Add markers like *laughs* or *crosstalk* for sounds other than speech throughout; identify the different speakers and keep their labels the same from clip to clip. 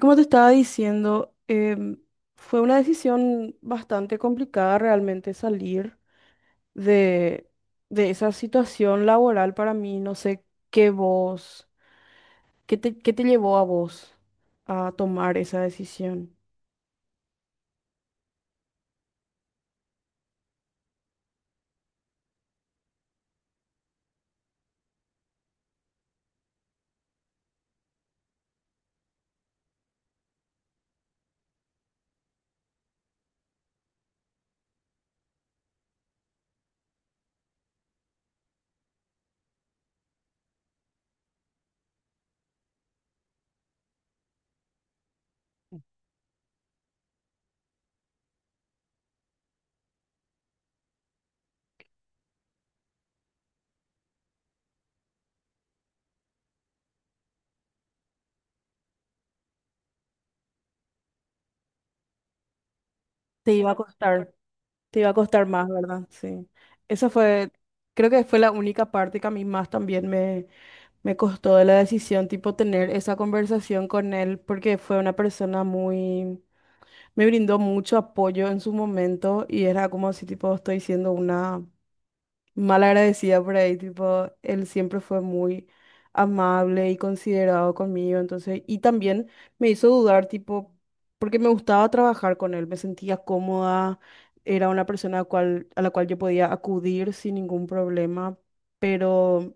Speaker 1: Como te estaba diciendo, fue una decisión bastante complicada realmente salir de, de esa situación laboral para mí. No sé qué vos, qué te llevó a vos a tomar esa decisión. Te iba a costar, te iba a costar más, ¿verdad? Sí. Esa fue, creo que fue la única parte que a mí más también me costó de la decisión, tipo tener esa conversación con él, porque fue una persona muy me brindó mucho apoyo en su momento y era como si tipo estoy siendo una mal agradecida por ahí, tipo, él siempre fue muy amable y considerado conmigo, entonces, y también me hizo dudar, tipo, porque me gustaba trabajar con él, me sentía cómoda, era una persona a la cual yo podía acudir sin ningún problema, pero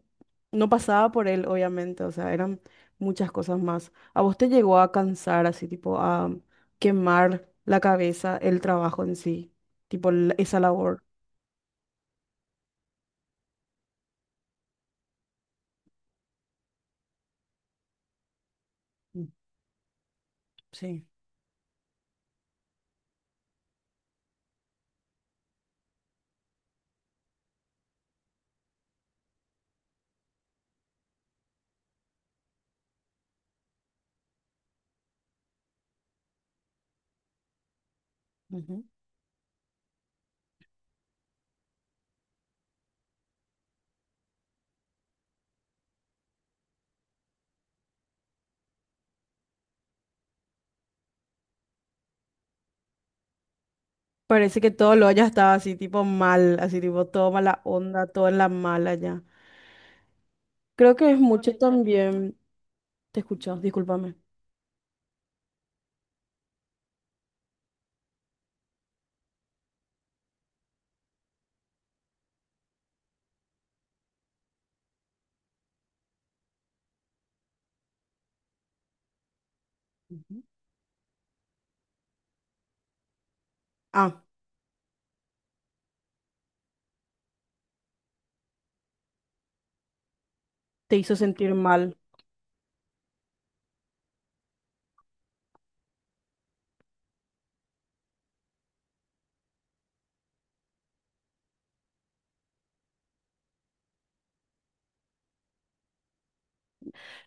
Speaker 1: no pasaba por él, obviamente, o sea, eran muchas cosas más. ¿A vos te llegó a cansar, así, tipo, a quemar la cabeza, el trabajo en sí, tipo, esa labor? Mm, sí. Ujú. Parece que todo lo haya estado así, tipo mal, así, tipo todo mala onda, todo en la mala ya. Creo que es mucho también. Te escucho, discúlpame. Ujú. Ah, te hizo sentir mal.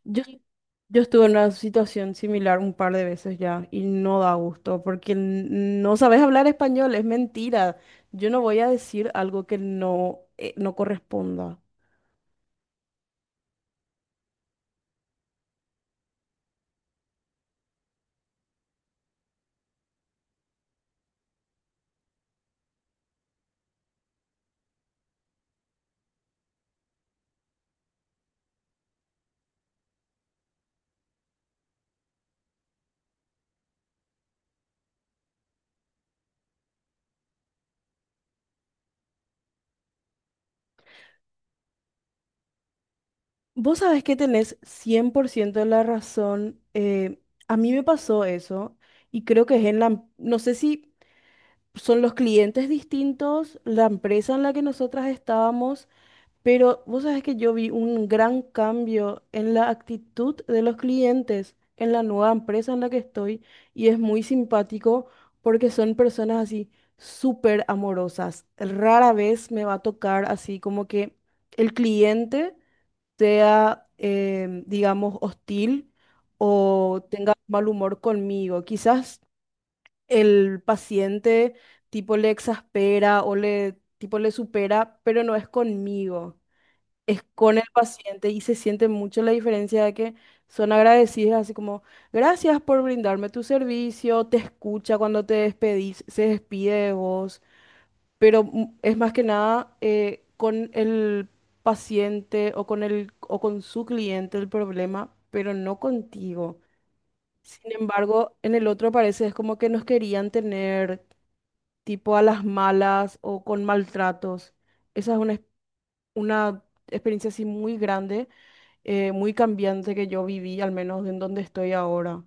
Speaker 1: Yo, yo estuve en una situación similar un par de veces ya y no da gusto porque no sabes hablar español, es mentira. Yo no voy a decir algo que no, no corresponda. Vos sabés que tenés 100% de la razón. Eh, a mí me pasó eso y creo que es en la, no sé si son los clientes distintos, la empresa en la que nosotras estábamos. Pero vos sabés que yo vi un gran cambio en la actitud de los clientes en la nueva empresa en la que estoy y es muy simpático porque son personas así súper amorosas. Rara vez me va a tocar así como que el cliente sea, digamos, hostil o tenga mal humor conmigo. Quizás el paciente tipo le exaspera o le tipo le supera, pero no es conmigo es con el paciente y se siente mucho la diferencia de que son agradecidas, así como, gracias por brindarme tu servicio, te escucha cuando te despedís, se despide de vos, pero mm, es más que nada con el paciente o con el, o con su cliente el problema, pero no contigo. Sin embargo, en el otro parece es como que nos querían tener tipo a las malas o con maltratos. Esa es una experiencia así muy grande muy cambiante que yo viví, al menos en donde estoy ahora.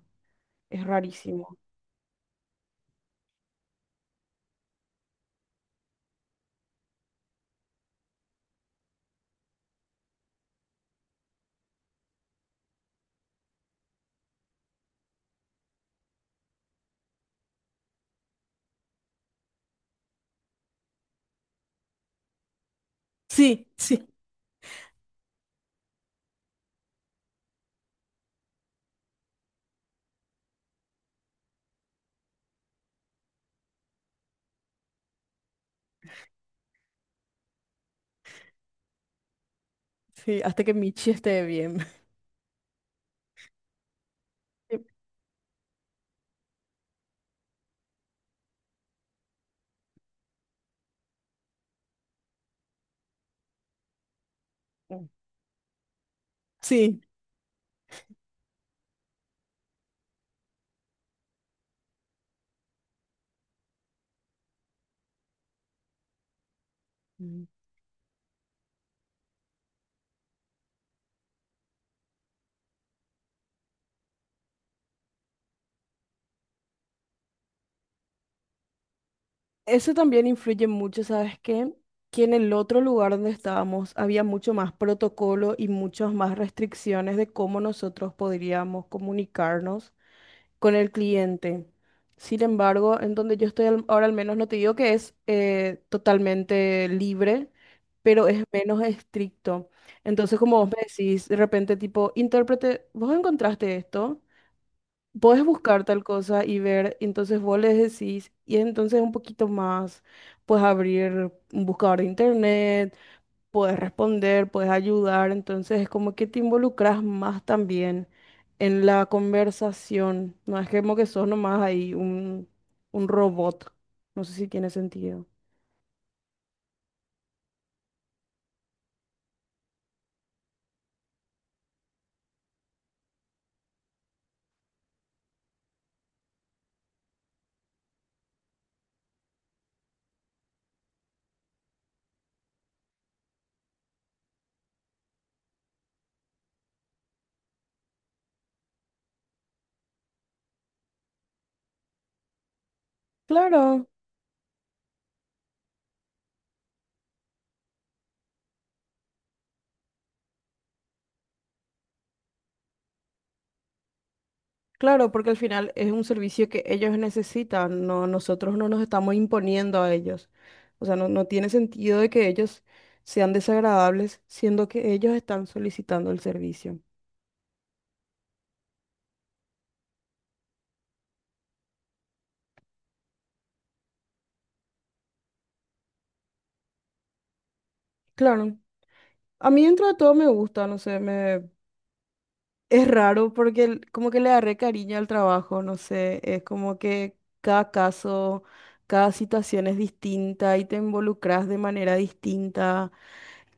Speaker 1: Es rarísimo. Sí, sí, sí, hasta que Michi esté bien. *laughs* Eh, mm, sí. Mm. Eso también influye mucho, ¿sabes qué? Que en el otro lugar donde estábamos había mucho más protocolo y muchas más restricciones de cómo nosotros podríamos comunicarnos con el cliente. Sin embargo, en donde yo estoy ahora al menos, no te digo que es totalmente libre, pero es menos estricto. Entonces, como vos me decís, de repente tipo, intérprete, vos encontraste esto, podés buscar tal cosa y ver, entonces vos les decís, y entonces un poquito más, puedes abrir un buscador de internet, puedes responder, puedes ayudar, entonces es como que te involucras más también en la conversación, no es como que sos nomás ahí un robot, no sé si tiene sentido. Claro, claro, porque al final es un servicio que ellos necesitan, no, nosotros no nos estamos imponiendo a ellos, o sea, no, no tiene sentido de que ellos sean desagradables, siendo que ellos están solicitando el servicio. Claro. A mí dentro de todo me gusta, no sé, me, es raro porque como que le agarré cariño al trabajo, no sé, es como que cada caso, cada situación es distinta y te involucras de manera distinta.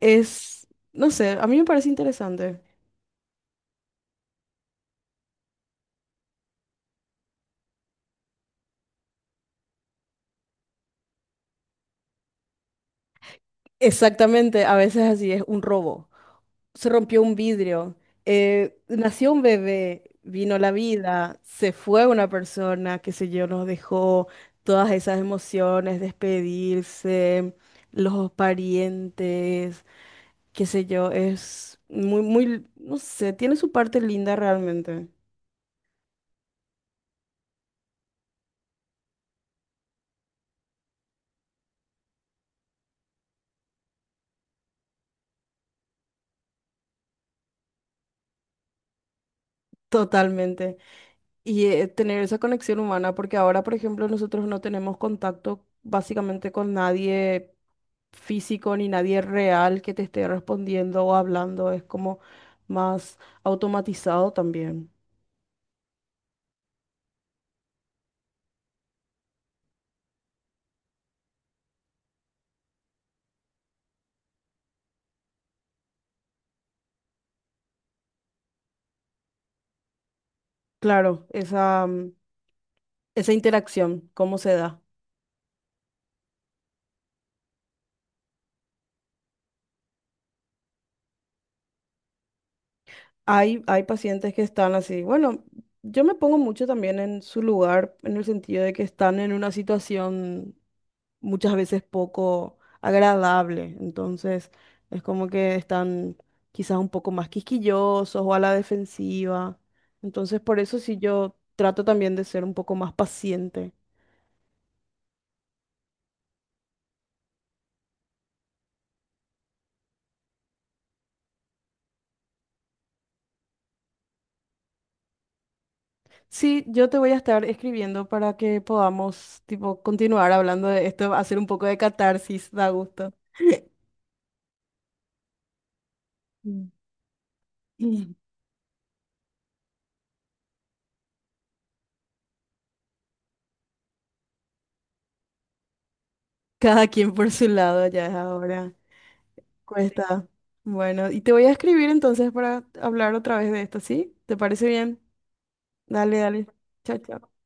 Speaker 1: Es, no sé, a mí me parece interesante. Exactamente, a veces así es un robo. Se rompió un vidrio, nació un bebé, vino la vida, se fue una persona, qué sé yo, nos dejó todas esas emociones, despedirse, los parientes. Qué sé yo, es muy, muy, no sé, tiene su parte linda realmente, totalmente. Y tener esa conexión humana, porque ahora, por ejemplo, nosotros no tenemos contacto básicamente con nadie físico ni nadie real que te esté respondiendo o hablando, es como más automatizado también. Claro, esa, mm, esa interacción, ¿cómo se da? Hay pacientes que están así. Bueno, yo me pongo mucho también en su lugar, en el sentido de que están en una situación muchas veces poco agradable. Entonces, es como que están quizás un poco más quisquillosos o a la defensiva. Entonces, por eso sí yo trato también de ser un poco más paciente. Sí, yo te voy a estar escribiendo para que podamos, tipo, continuar hablando de esto, hacer un poco de catarsis, da gusto. Mm. *laughs* Cada quien por su lado ya es ahora. Cuesta. Bueno, y te voy a escribir entonces para hablar otra vez de esto, ¿sí? ¿Te parece bien? Dale, dale. Chao, chao.